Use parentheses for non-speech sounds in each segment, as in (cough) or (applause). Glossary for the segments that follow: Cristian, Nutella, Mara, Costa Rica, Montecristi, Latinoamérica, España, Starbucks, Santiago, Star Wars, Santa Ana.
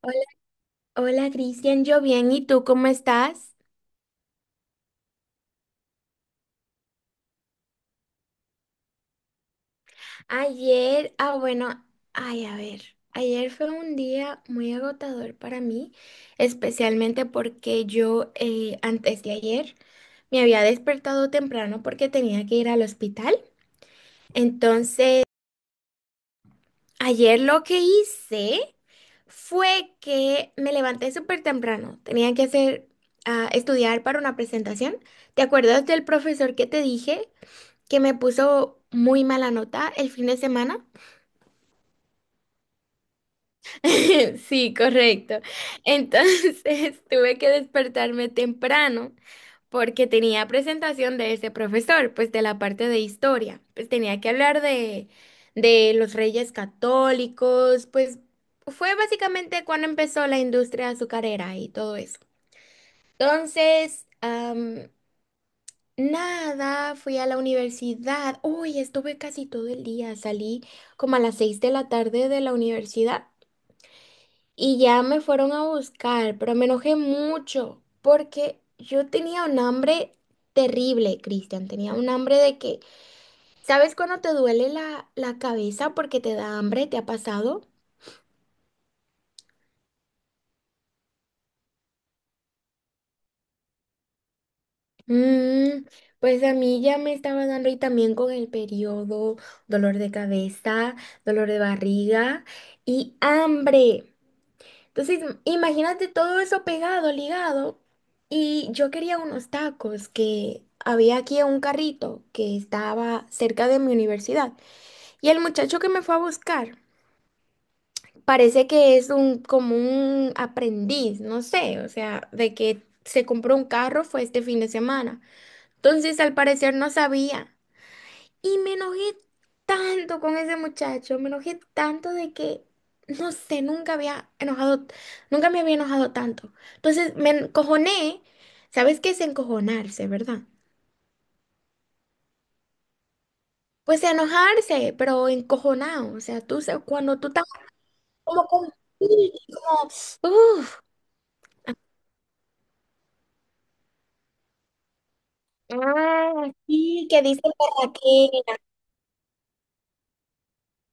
Hola, hola Cristian, yo bien, ¿y tú cómo estás? Ayer, ah bueno, ay a ver, ayer fue un día muy agotador para mí, especialmente porque yo antes de ayer me había despertado temprano porque tenía que ir al hospital. Entonces, ayer lo que hice fue que me levanté súper temprano, tenía que estudiar para una presentación. ¿Te acuerdas del profesor que te dije? Que me puso muy mala nota el fin de semana. (laughs) Sí, correcto. Entonces (laughs) tuve que despertarme temprano porque tenía presentación de ese profesor, pues de la parte de historia. Pues tenía que hablar de los reyes católicos, pues fue básicamente cuando empezó la industria azucarera y todo eso. Entonces, nada, fui a la universidad. Uy, estuve casi todo el día. Salí como a las 6 de la tarde de la universidad y ya me fueron a buscar, pero me enojé mucho porque yo tenía un hambre terrible, Cristian. Tenía un hambre de que, ¿sabes cuando te duele la cabeza porque te da hambre? ¿Te ha pasado? Mm, pues a mí ya me estaba dando y también con el periodo, dolor de cabeza, dolor de barriga y hambre. Entonces, imagínate todo eso pegado, ligado. Y yo quería unos tacos que había aquí en un carrito que estaba cerca de mi universidad. Y el muchacho que me fue a buscar parece que es un como un aprendiz, no sé, o sea, de que se compró un carro fue este fin de semana. Entonces, al parecer no sabía. Y me enojé tanto con ese muchacho, me enojé tanto de que, no sé, nunca había enojado, nunca me había enojado tanto. Entonces me encojoné, ¿sabes qué es encojonarse, verdad? Pues enojarse, pero encojonado, o sea, cuando tú estás como con como, uff, ah, sí, que dice por aquí.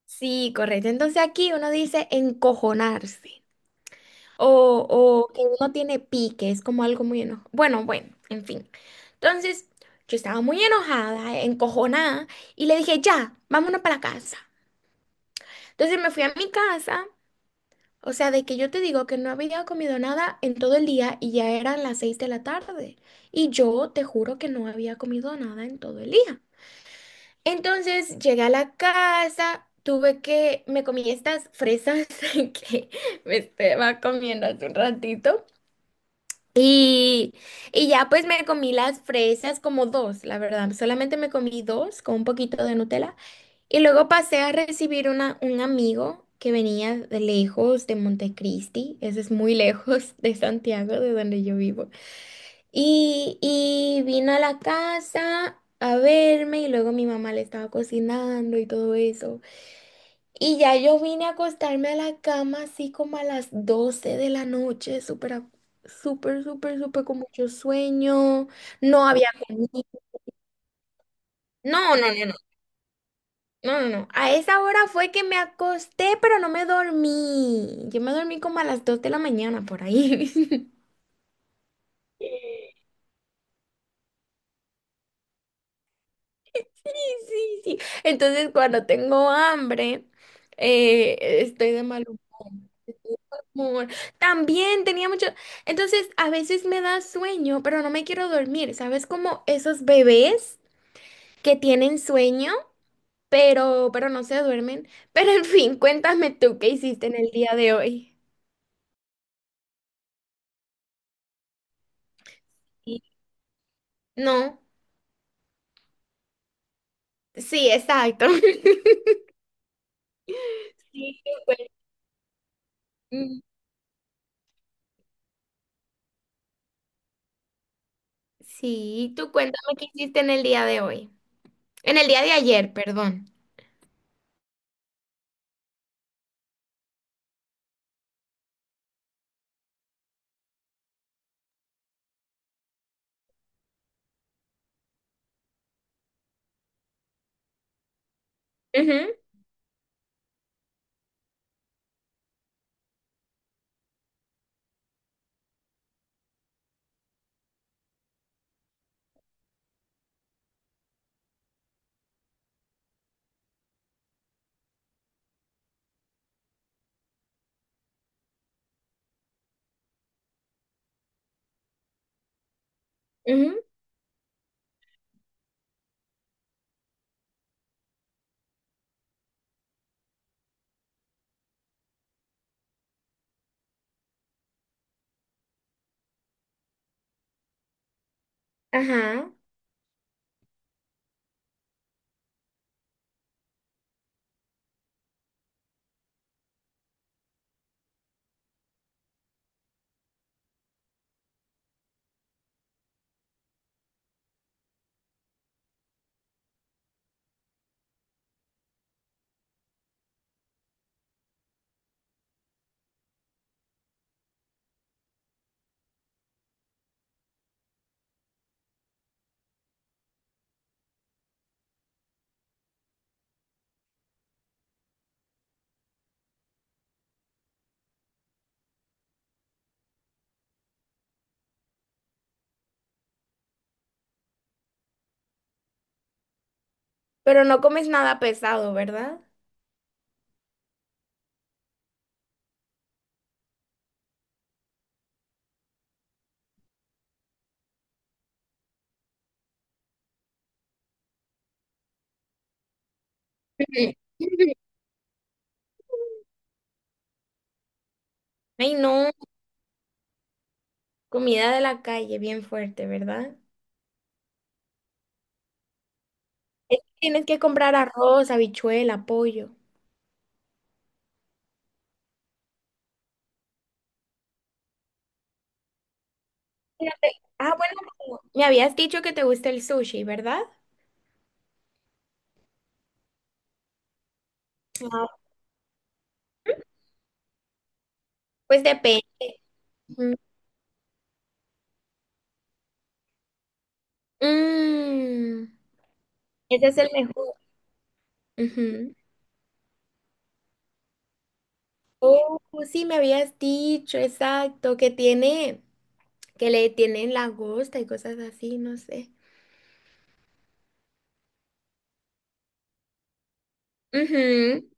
Sí, correcto. Entonces aquí uno dice encojonarse. O, o que uno tiene pique, es como algo muy enojado. Bueno, bueno, en fin. Entonces, yo estaba muy enojada, encojonada, y le dije, ya, vámonos para la casa. Entonces me fui a mi casa, o sea, de que yo te digo que no había comido nada en todo el día y ya eran las 6 de la tarde. Y yo te juro que no había comido nada en todo el día. Entonces llegué a la casa, me comí estas fresas (laughs) que me estaba comiendo hace un ratito. Y, y ya pues me comí las fresas como dos, la verdad. Solamente me comí dos con un poquito de Nutella. Y luego pasé a recibir un amigo que venía de lejos, de Montecristi. Eso es muy (laughs) lejos de Santiago, de donde yo vivo. Y vino a la casa a verme y luego mi mamá le estaba cocinando y todo eso. Y ya yo vine a acostarme a la cama así como a las 12 de la noche, súper, a- súper, súper, súper con mucho sueño. No había comido. No, no, no, no, no, no, no. A esa hora fue que me acosté, pero no me dormí. Yo me dormí como a las 2 de la mañana por ahí. (laughs) Sí, sí, sí. Entonces cuando tengo hambre, estoy de mal amor. También tenía mucho. Entonces, a veces me da sueño, pero no me quiero dormir. ¿Sabes? Como esos bebés que tienen sueño, pero no se duermen. (laughs) Pero en fin, cuéntame tú qué hiciste en el día de hoy. Sí. No, sí, exacto. (laughs) Sí, tú cuen- Mm, sí, tú cuéntame qué hiciste en el día de hoy. En el día de ayer, perdón. Ujú, ujú, ajá. Pero no comes nada pesado, ¿verdad? Ujú. (laughs) Ay, no. Comida de la calle, bien fuerte, ¿verdad? Es que tienes que comprar arroz, habichuela, pollo. Fíjate, ah, bueno, como me habías dicho que te gusta el sushi, ¿verdad? Ah. Pues depende. Ujú. Mm, ese es el mejor. Ujú. Oh, sí, me habías dicho, exacto, que tiene, que le tienen langosta y cosas así, no sé. Ujú.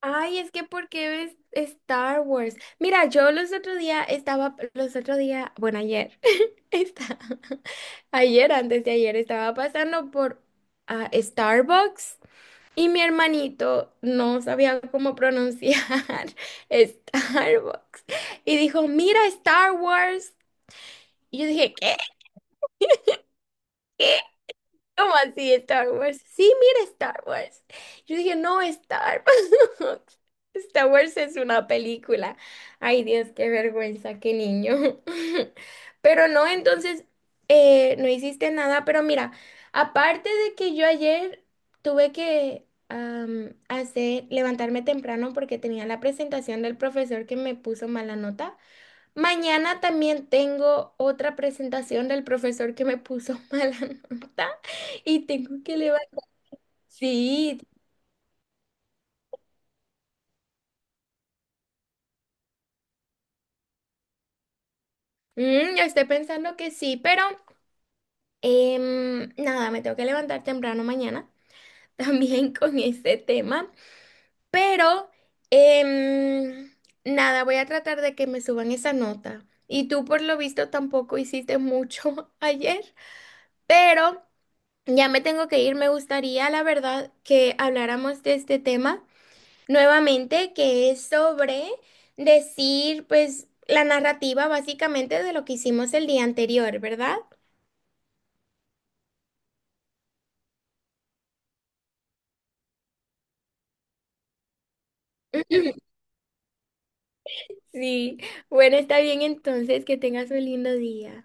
Ay, es que ¿por qué ves Star Wars? Mira, yo los otro día, bueno, ayer, (laughs) está, ayer, antes de ayer, estaba pasando por ah, Starbucks y mi hermanito no sabía cómo pronunciar (laughs) Starbucks y dijo, mira, Star Wars. Y yo dije, ¿qué? ¿Cómo así Star Wars? Sí, mira Star Wars. Yo dije, no, Star Wars. (laughs) Star Wars es una película. Ay, Dios, qué vergüenza, qué niño. (laughs) Pero no, entonces, no hiciste nada. Pero mira, aparte de que yo ayer tuve que levantarme temprano porque tenía la presentación del profesor que me puso mala nota. Mañana también tengo otra presentación del profesor que me puso mala (laughs) nota y tengo que levantar. Sí, mm, yo estoy pensando que sí, pero nada, me tengo que levantar temprano mañana (laughs) también con este tema. Pero em, nada, voy a tratar de que me suban esa nota. Y tú por lo visto tampoco hiciste mucho (laughs) ayer, pero ya me tengo que ir. Me gustaría, la verdad, que habláramos de este tema nuevamente, que es sobre decir, pues, la narrativa básicamente de lo que hicimos el día anterior, ¿verdad? (laughs) Sí, bueno, está bien entonces, que tengas un lindo día.